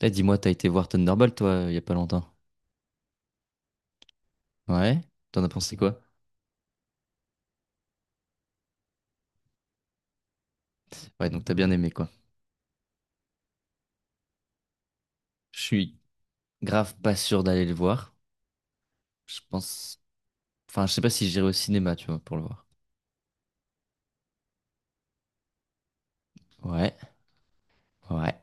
Eh, dis-moi, t'as été voir Thunderbolt, toi, il y a pas longtemps. Ouais? T'en as pensé quoi? Ouais, donc t'as bien aimé, quoi. Grave pas sûr d'aller le voir. Je pense... Enfin, je sais pas si j'irai au cinéma, tu vois, pour le voir. Ouais, ouais.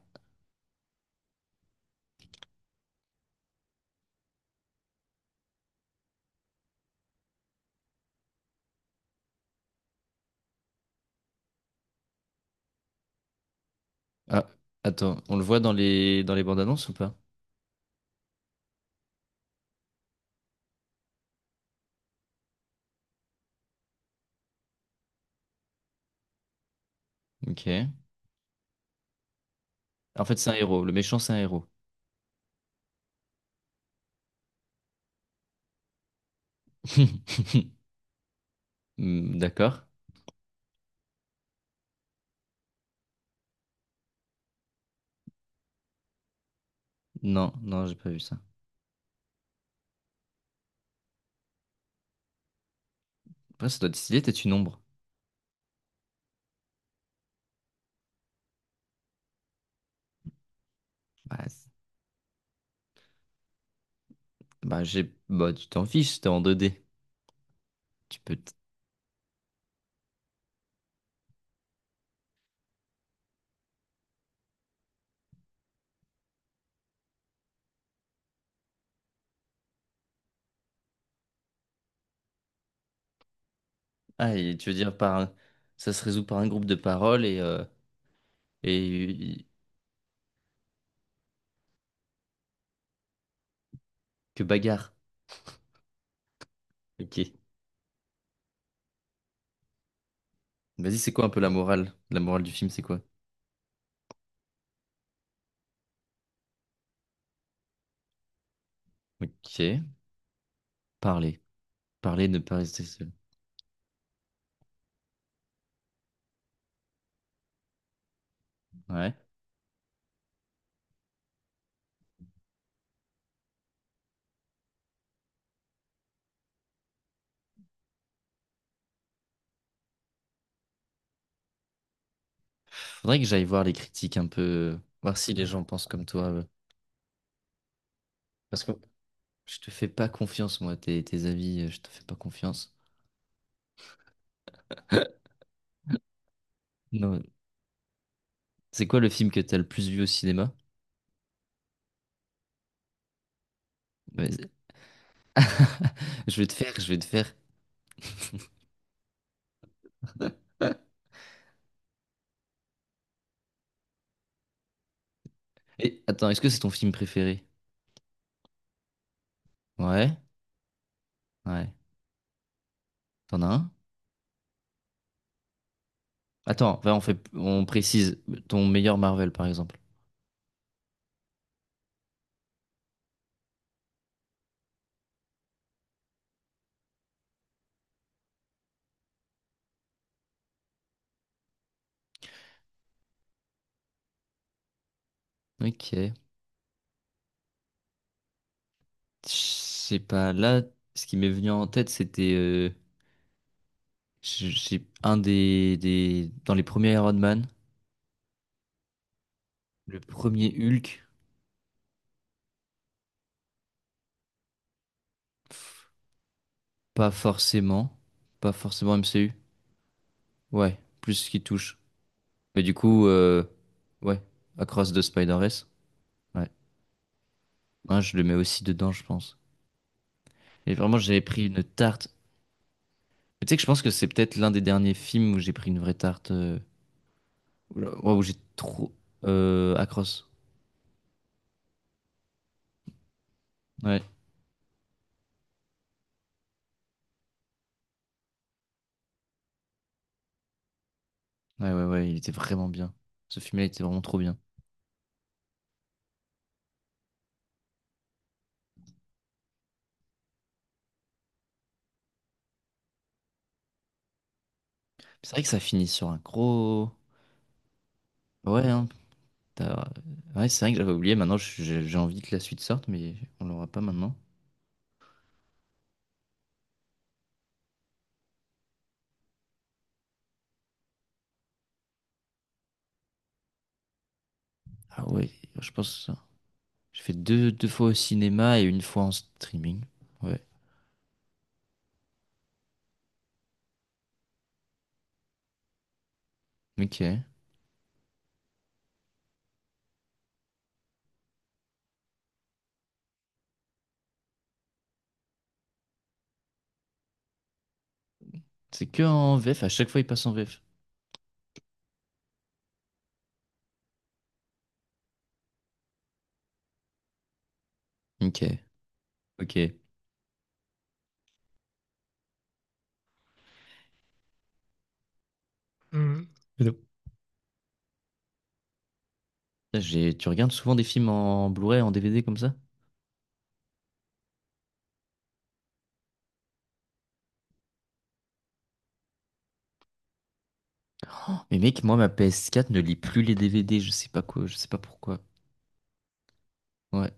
Attends, on le voit dans les bandes annonces ou pas? Ok. En fait, c'est un héros. Le méchant, c'est un héros. Hmm, d'accord. Non, non, j'ai pas vu ça. Après, ça doit décider stylé, t'es une ombre. Bah, c'est- Bah, tu t'en fiches, t'es en 2D. Tu peux... t- Ah, et tu veux dire, ça se résout par un groupe de paroles et que bagarre. Ok. Vas-y, c'est quoi un peu la morale? La morale du film, c'est quoi? Ok. Parler. Parler, ne pas rester seul. Ouais. Faudrait que j'aille voir les critiques un peu. Voir si les gens pensent comme toi. Pas confiance, moi, tes, tes avis, je te fais pas confiance. C'est quoi le film que t'as le plus vu au cinéma? Ouais, c'est- Je- Eh, attends, est-ce que c'est ton film préféré? Ouais. Ouais. T'en as un? Attends, va, on fait... On précise. Ton meilleur Marvel, par exemple. Ok. Je sais pas. Là, ce qui m'est venu en tête, c'était. C'est un des, dans les premiers Iron Man, premier Hulk, pas forcément. Pas forcément MCU. Ouais, plus ce qui touche. Du coup, euh, Across the Spider-Verse, hein, je le mets aussi dedans. Et vraiment, j'avais pris une... Tu sais que je pense que c'est peut-être l'un des derniers films où j'ai pris une vraie tarte... ouais, où j'ai... Across. Ouais. Ouais, il était vraiment bien. Ce film-là il était vraiment trop bien. C'est vrai que ça finit sur un gros... Ouais, hein. t'as- Ouais, c'est vrai que j'avais oublié. Maintenant, j'ai envie que la suite sorte, mais on l'aura pas maintenant. Ah ouais, je pense ça. J'ai fait deux fois au cinéma et une fois en streaming. Ouais. Ok. C'est que en VF, à chaque fois c'est en VF. Ok. Ok. Mhm. Et donc, Putain, j'ai, tu regardes souvent des films en Blu-ray, en DVD comme ça? Mais mec, moi ma PS4 ne lit plus les DVD, je sais pas quoi, je sais pas pourquoi. Ouais.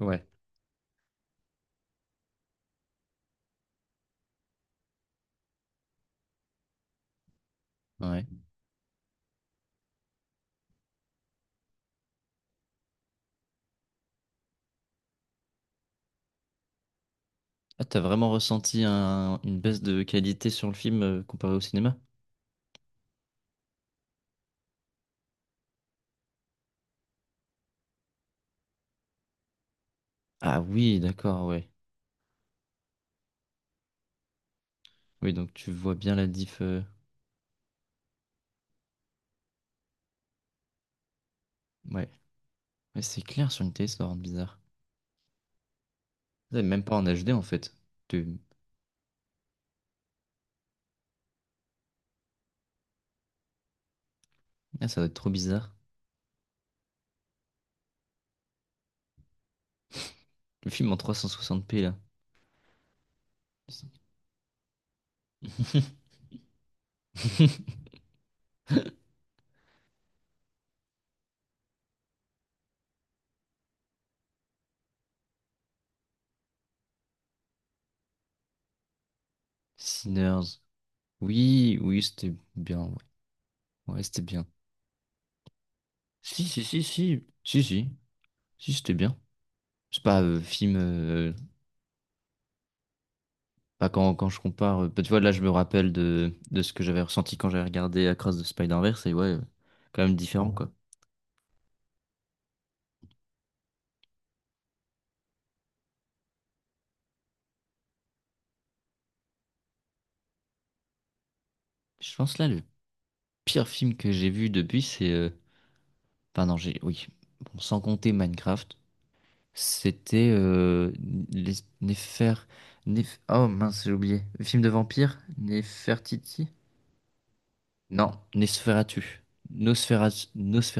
Ouais. Ouais. Ah, t'as vraiment ressenti une baisse de qualité sur le film comparé au cinéma? Ah oui, d'accord, ouais. Tu vois bien la diff. Ouais. C'est clair sur une télé, ça doit rendre bizarre. Ouais, même pas en HD en fait. Ah, ça doit être trop bizarre. Le film en 360p là. Sinners. Oui, oui, c'était bien. Ouais, ouais, c'était bien. Si, si, si, si, si, si, c'était bien. C'est pas film. Pas quand, quand je compare. Bah, tu vois, là, je me rappelle de ce que j'avais ressenti quand j'avais regardé Across the Spider-Verse. Et ouais, quand même différent quoi. Je pense là, le pire film que j'ai vu depuis, c'est... Enfin, non, j'ai. Oui. Bon, sans compter Minecraft. C'était Les Néfer... Oh mince, j'ai oublié. Film de vampire? Non, Nosferatu. Nosferatu.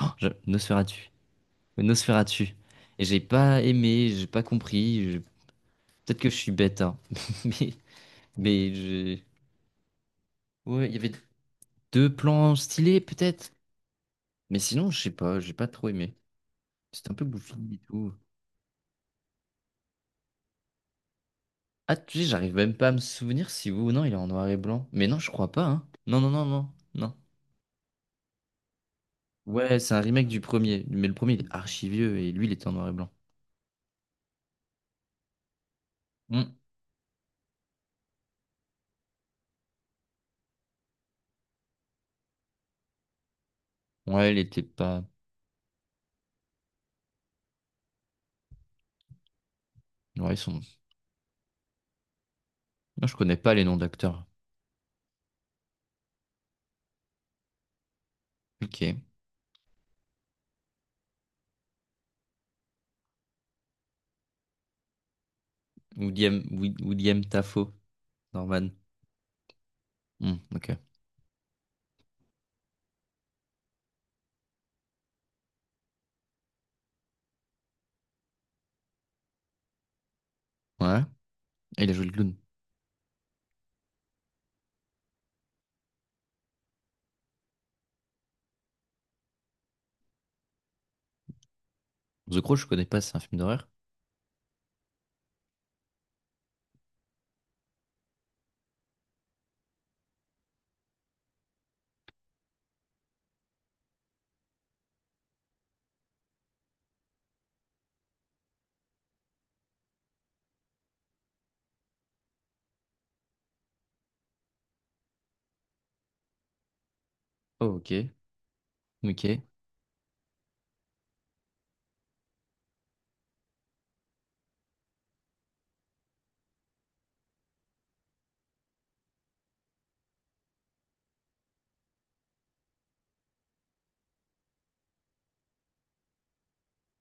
Nosferatu. Nosferatu. J'ai pas aimé, j'ai pas compris. Peut-être que je suis bête, hein. Mais j'ai... Ouais, il y avait deux plans stylés, peut-être. Mais sinon, je sais pas, j'ai pas trop aimé. C'était un peu bouffi et tout. Ah, tu sais, j'arrive même pas à me souvenir si vous ou non, il est en noir et blanc. Mais non, je crois pas, hein. Non, non, non, non, non. Ouais, c'est un remake du premier. Mais le premier, il est archi vieux et lui, il était en noir et blanc. Hmm. Ouais, il était pas. Ouais, ils sont. Moi, je connais pas les noms d'acteurs. Ok. William, William Dafoe, Norman. Ouais. Et il a joué le clown. The Crow, je connais pas, c'est un film d'horreur. Oh, ok. Ok.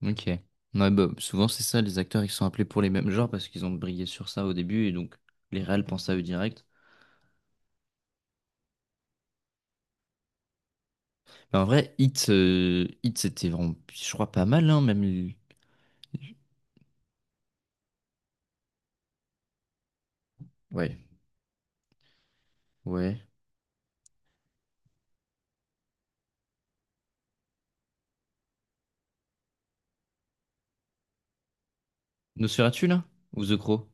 Ok. Ouais, bah, souvent, c'est ça, les acteurs, ils sont appelés pour les mêmes genres parce qu'ils ont brillé sur ça au début et donc les réals pensent à eux direct. Mais en vrai, Hit, c'était vraiment, je crois, pas mal, hein, même. Ouais. Ouais. Nosferatu, là? Ou The Crow?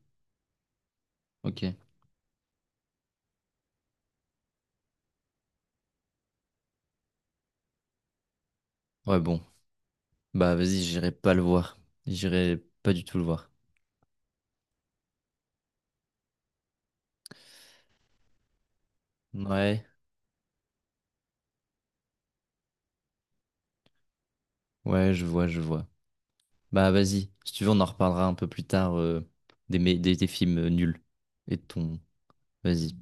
Ouais, bon. Bah vas-y, j'irai pas le voir. J'irai pas du tout le voir. Ouais, ouais, je vois, je vois. Bah vas-y, si tu veux, on en reparlera un peu plus tard des films nuls. Et de ton... Vas-y.